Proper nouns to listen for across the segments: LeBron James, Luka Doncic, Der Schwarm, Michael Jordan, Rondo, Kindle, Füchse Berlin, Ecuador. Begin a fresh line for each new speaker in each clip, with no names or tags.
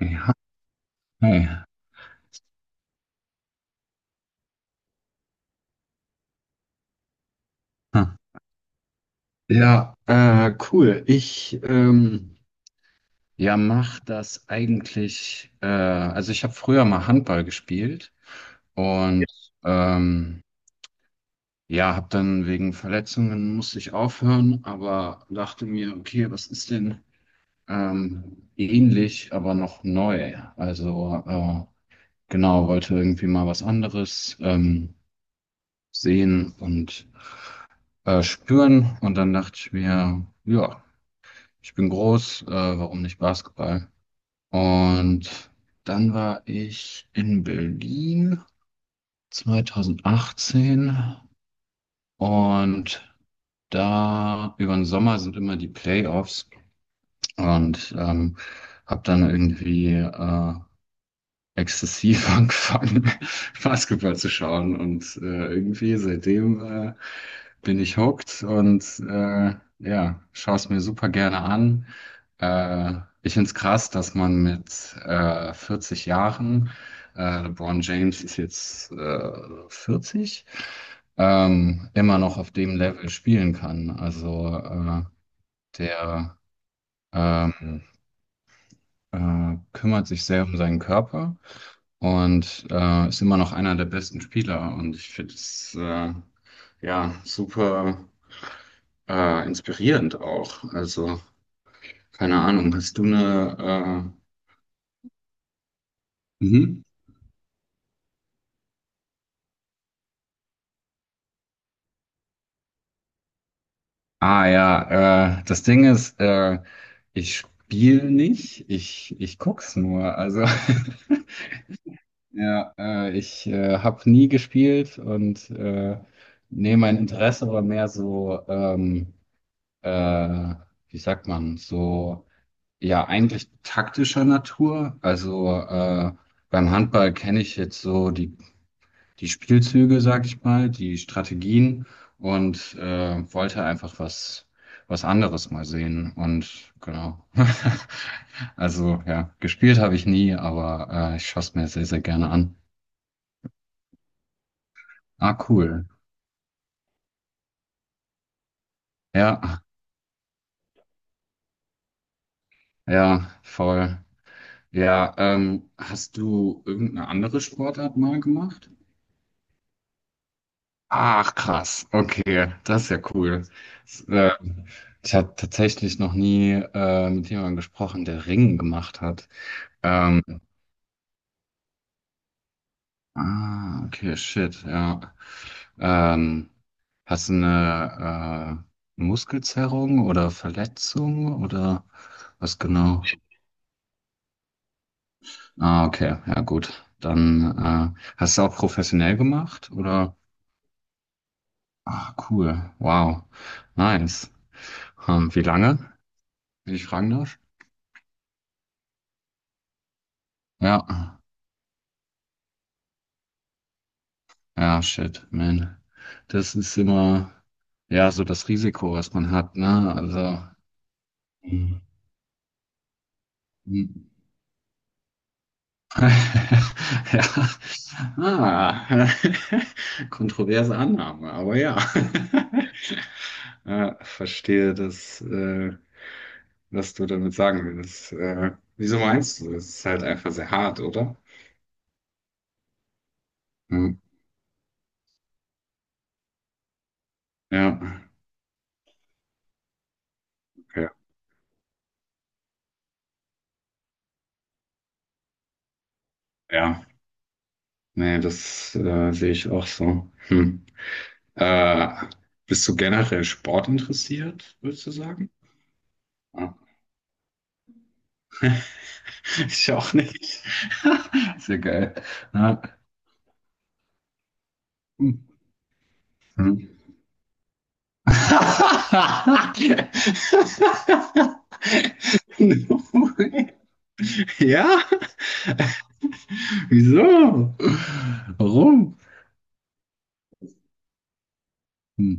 Ja, hey. Hm. Ja, cool. Ich ja mach das eigentlich. Also ich habe früher mal Handball gespielt und ähm, ja, habe dann wegen Verletzungen musste ich aufhören, aber dachte mir, okay, was ist denn ähnlich, aber noch neu? Also genau, wollte irgendwie mal was anderes sehen und spüren und dann dachte ich mir, ja. Ich bin groß, warum nicht Basketball? Und dann war ich in Berlin 2018 und da über den Sommer sind immer die Playoffs und habe dann irgendwie exzessiv angefangen, Basketball zu schauen und irgendwie seitdem bin ich hooked und ja, schaue es mir super gerne an. Äh, Ich finde es krass, dass man mit 40 Jahren, LeBron James ist jetzt 40, immer noch auf dem Level spielen kann. Also der ähm, kümmert sich sehr um seinen Körper und ist immer noch einer der besten Spieler. Und ich finde es ja super inspirierend auch. Also, keine Ahnung, hast du eine... mhm. Ah ja, das Ding ist, ich spiele nicht, ich guck's nur. Also, ja, ich habe nie gespielt und nee, mein Interesse war mehr so, äh, wie sagt man, so, ja, eigentlich taktischer Natur. Also, beim Handball kenne ich jetzt so die Spielzüge, sag ich mal, die Strategien und wollte einfach was, was anderes mal sehen. Und genau. Also ja, gespielt habe ich nie, aber ich schaue es mir sehr, sehr gerne an. Ah, cool. Ja, ja, voll. Ja, hast du irgendeine andere Sportart mal gemacht? Ach, krass. Okay, das ist ja cool. S- Äh, Ich habe tatsächlich noch nie mit jemandem gesprochen, der Ringen gemacht hat. Ähm, ah, okay, shit, ja. Ähm, hast du eine Muskelzerrung oder Verletzung oder was genau? Ah, okay, ja gut. Dann hast du auch professionell gemacht oder? Ah, cool, wow, nice. Wie lange, wenn ich fragen darf? Ja, ja, shit, man. Das ist immer, ja, so das Risiko, was man hat, ne? Also, mhm. Ja. Ah. Kontroverse Annahme, aber ja. Ja, verstehe, dass, was du damit sagen willst. Wieso meinst du? Es ist halt einfach sehr hart, oder? Hm. Ja, ja, ja. Nee, das sehe ich auch so. Hm. Äh, bist du generell Sport interessiert, würdest du sagen? Ja. Ich auch nicht. Sehr geil. Ja. Hm. Hm. Ja? Wieso? Warum? Hm.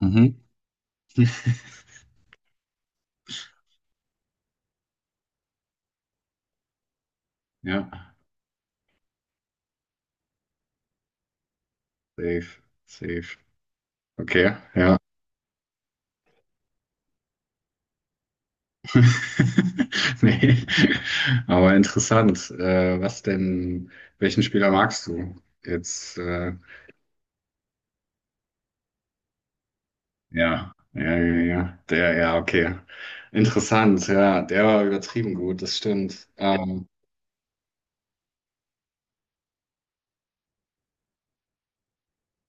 Mhm. Ja, safe, safe. Okay, ja. Nee. Aber interessant. Was denn, welchen Spieler magst du? Jetzt, ja, ja, ja, ja, ja. Der, ja, okay. Interessant, ja. Der war übertrieben gut, das stimmt.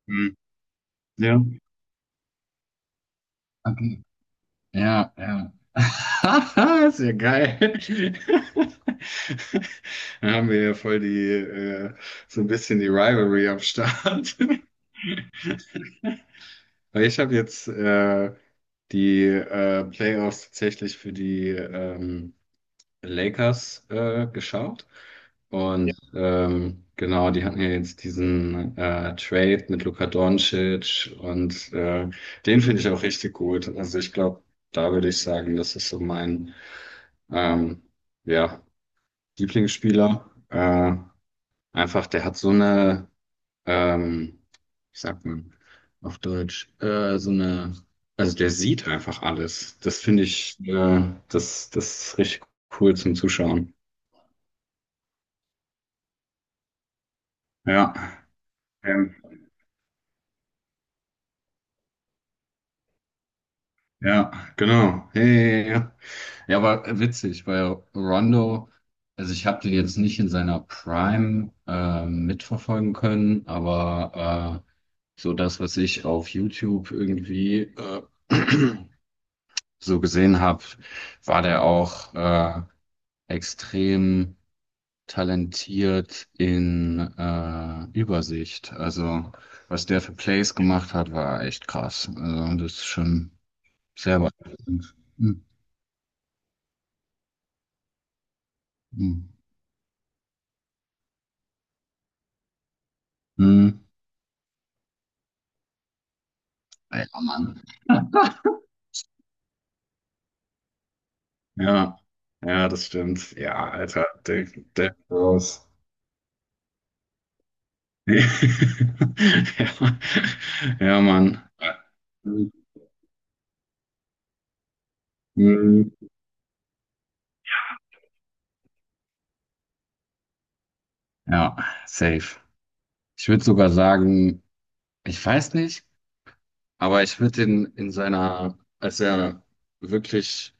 Hm. Ja. Ja, ja. Ist ja geil. Da haben wir ja voll die, so ein bisschen die Rivalry am Start. Weil ich habe jetzt die Playoffs tatsächlich für die Lakers geschaut. Ja. Und genau, die hatten ja jetzt diesen Trade mit Luka Doncic und den finde ich auch richtig gut. Also ich glaube, da würde ich sagen, das ist so mein. Ähm, ja, Lieblingsspieler. Einfach, der hat so eine, ähm, wie sagt man auf Deutsch, so eine, also der sieht einfach alles. Das finde ich, das, das ist richtig cool zum Zuschauen. Ja, ähm, ja, genau. Ja, ja, ja. Ja, ja, aber witzig, weil Rondo, also ich habe den jetzt nicht in seiner Prime mitverfolgen können, aber so das, was ich auf YouTube irgendwie so gesehen habe, war der auch extrem talentiert in Übersicht. Also was der für Plays gemacht hat, war echt krass. Also das ist schon sehr beeindruckend. Hm. Hm. Hm. Alter Mann. Ja, ja, das stimmt. Ja, Alter, der, der raus. Ja, ja, Mann. Hm. Ja, safe. Ich würde sogar sagen, ich weiß nicht, aber ich würde den in seiner, als er wirklich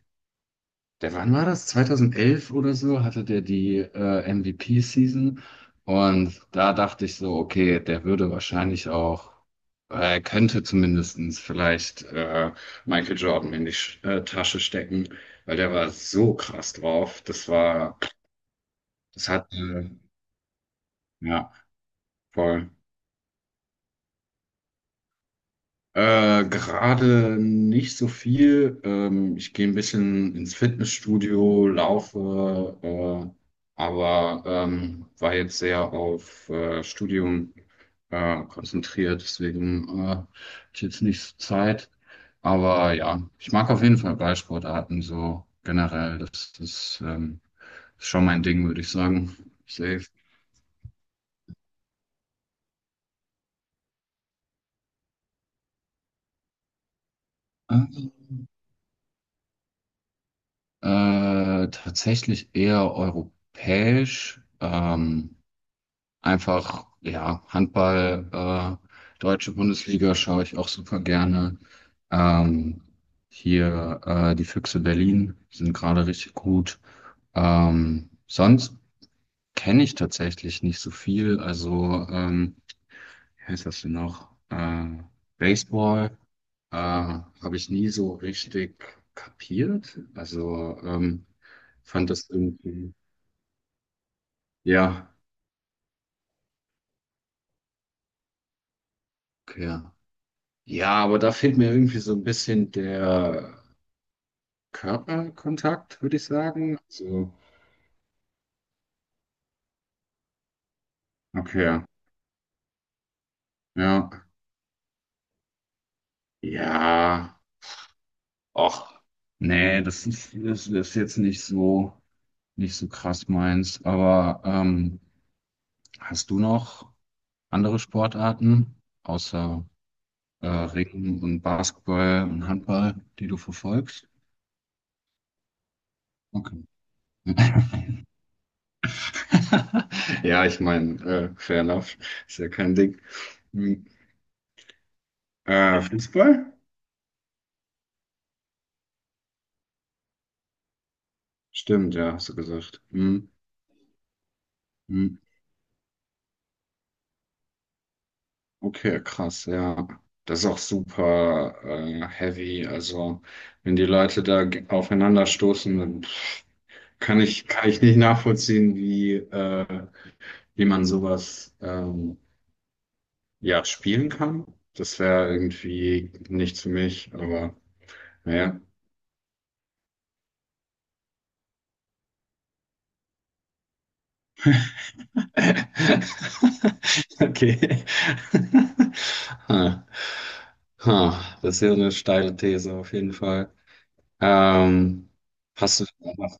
der, wann war das? 2011 oder so hatte der die MVP-Season und da dachte ich so, okay, der würde wahrscheinlich auch, er könnte zumindestens vielleicht Michael Jordan in die Sch Tasche stecken, weil der war so krass drauf. Das war, das hat, ja, voll. Gerade nicht so viel. Ich gehe ein bisschen ins Fitnessstudio, laufe, aber war jetzt sehr auf Studium konzentriert, deswegen hatte ich jetzt nicht so Zeit. Aber ja, ich mag auf jeden Fall Ballsportarten so generell. Das ist, schon mein Ding, würde ich sagen. Safe. Ähm, tatsächlich eher europäisch. Einfach, ja, Handball, äh, deutsche Bundesliga schaue ich auch super gerne. Ähm, hier die Füchse Berlin sind gerade richtig gut. Sonst kenne ich tatsächlich nicht so viel. Also, wie heißt das denn noch? Baseball habe ich nie so richtig kapiert. Also, fand das irgendwie, ja, okay, ja. Ja, aber da fehlt mir irgendwie so ein bisschen der Körperkontakt, würde ich sagen. So, okay, ja. Ja, och, nee, das ist jetzt nicht so, nicht so krass meins. Aber hast du noch andere Sportarten außer Ringen und Basketball und Handball, die du verfolgst? Okay. Ja, ich meine, fair enough, ist ja kein Ding. Hm. Fußball? Stimmt, ja, hast du gesagt. Hm, hm. Okay, krass, ja. Das ist auch super heavy. Also, wenn die Leute da aufeinander stoßen, dann pff, kann ich nicht nachvollziehen, wie, wie man sowas ja, spielen kann. Das wäre irgendwie nichts für mich, aber naja. Okay. Ha. Ha. Das ist ja eine steile These auf jeden Fall. Ähm, hast du denn noch.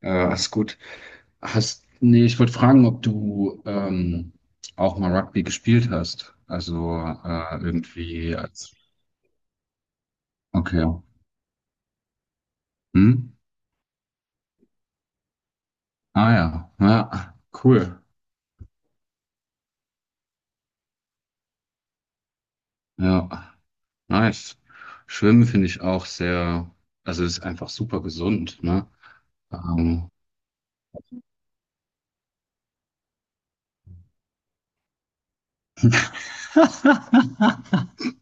Alles gut. Hast, nee, ich wollte fragen, ob du auch mal Rugby gespielt hast. Also irgendwie als. Okay. Hm? Ah ja. Ja, cool. Ja, nice. Schwimmen finde ich auch sehr, also ist einfach super gesund, ne? Ähm.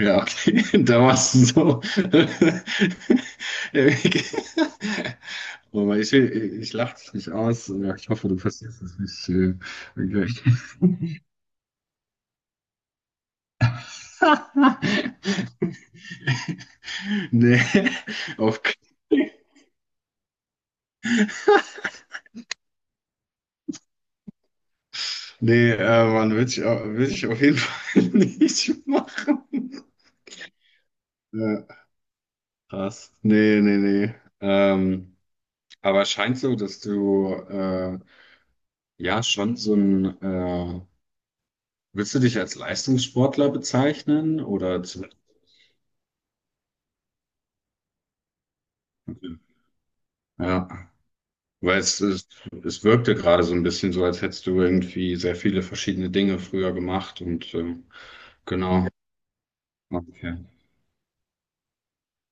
Ja, okay, da warst du so. Aber ich lache dich nicht aus. Ja, ich hoffe, du verstehst es nicht. Gleich. Nee, auf, nee, Mann, will ich, will ich auf jeden Fall nicht machen. Ja, krass. Nee, nee, nee. Aber es scheint so, dass du ja schon so ein, willst du dich als Leistungssportler bezeichnen oder zu, ja. Weil es wirkte gerade so ein bisschen so, als hättest du irgendwie sehr viele verschiedene Dinge früher gemacht und genau. Okay.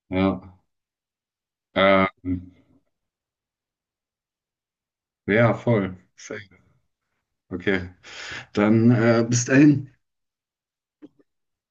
Ja. Ähm, ja, voll. Safe. Okay. Dann bis dahin.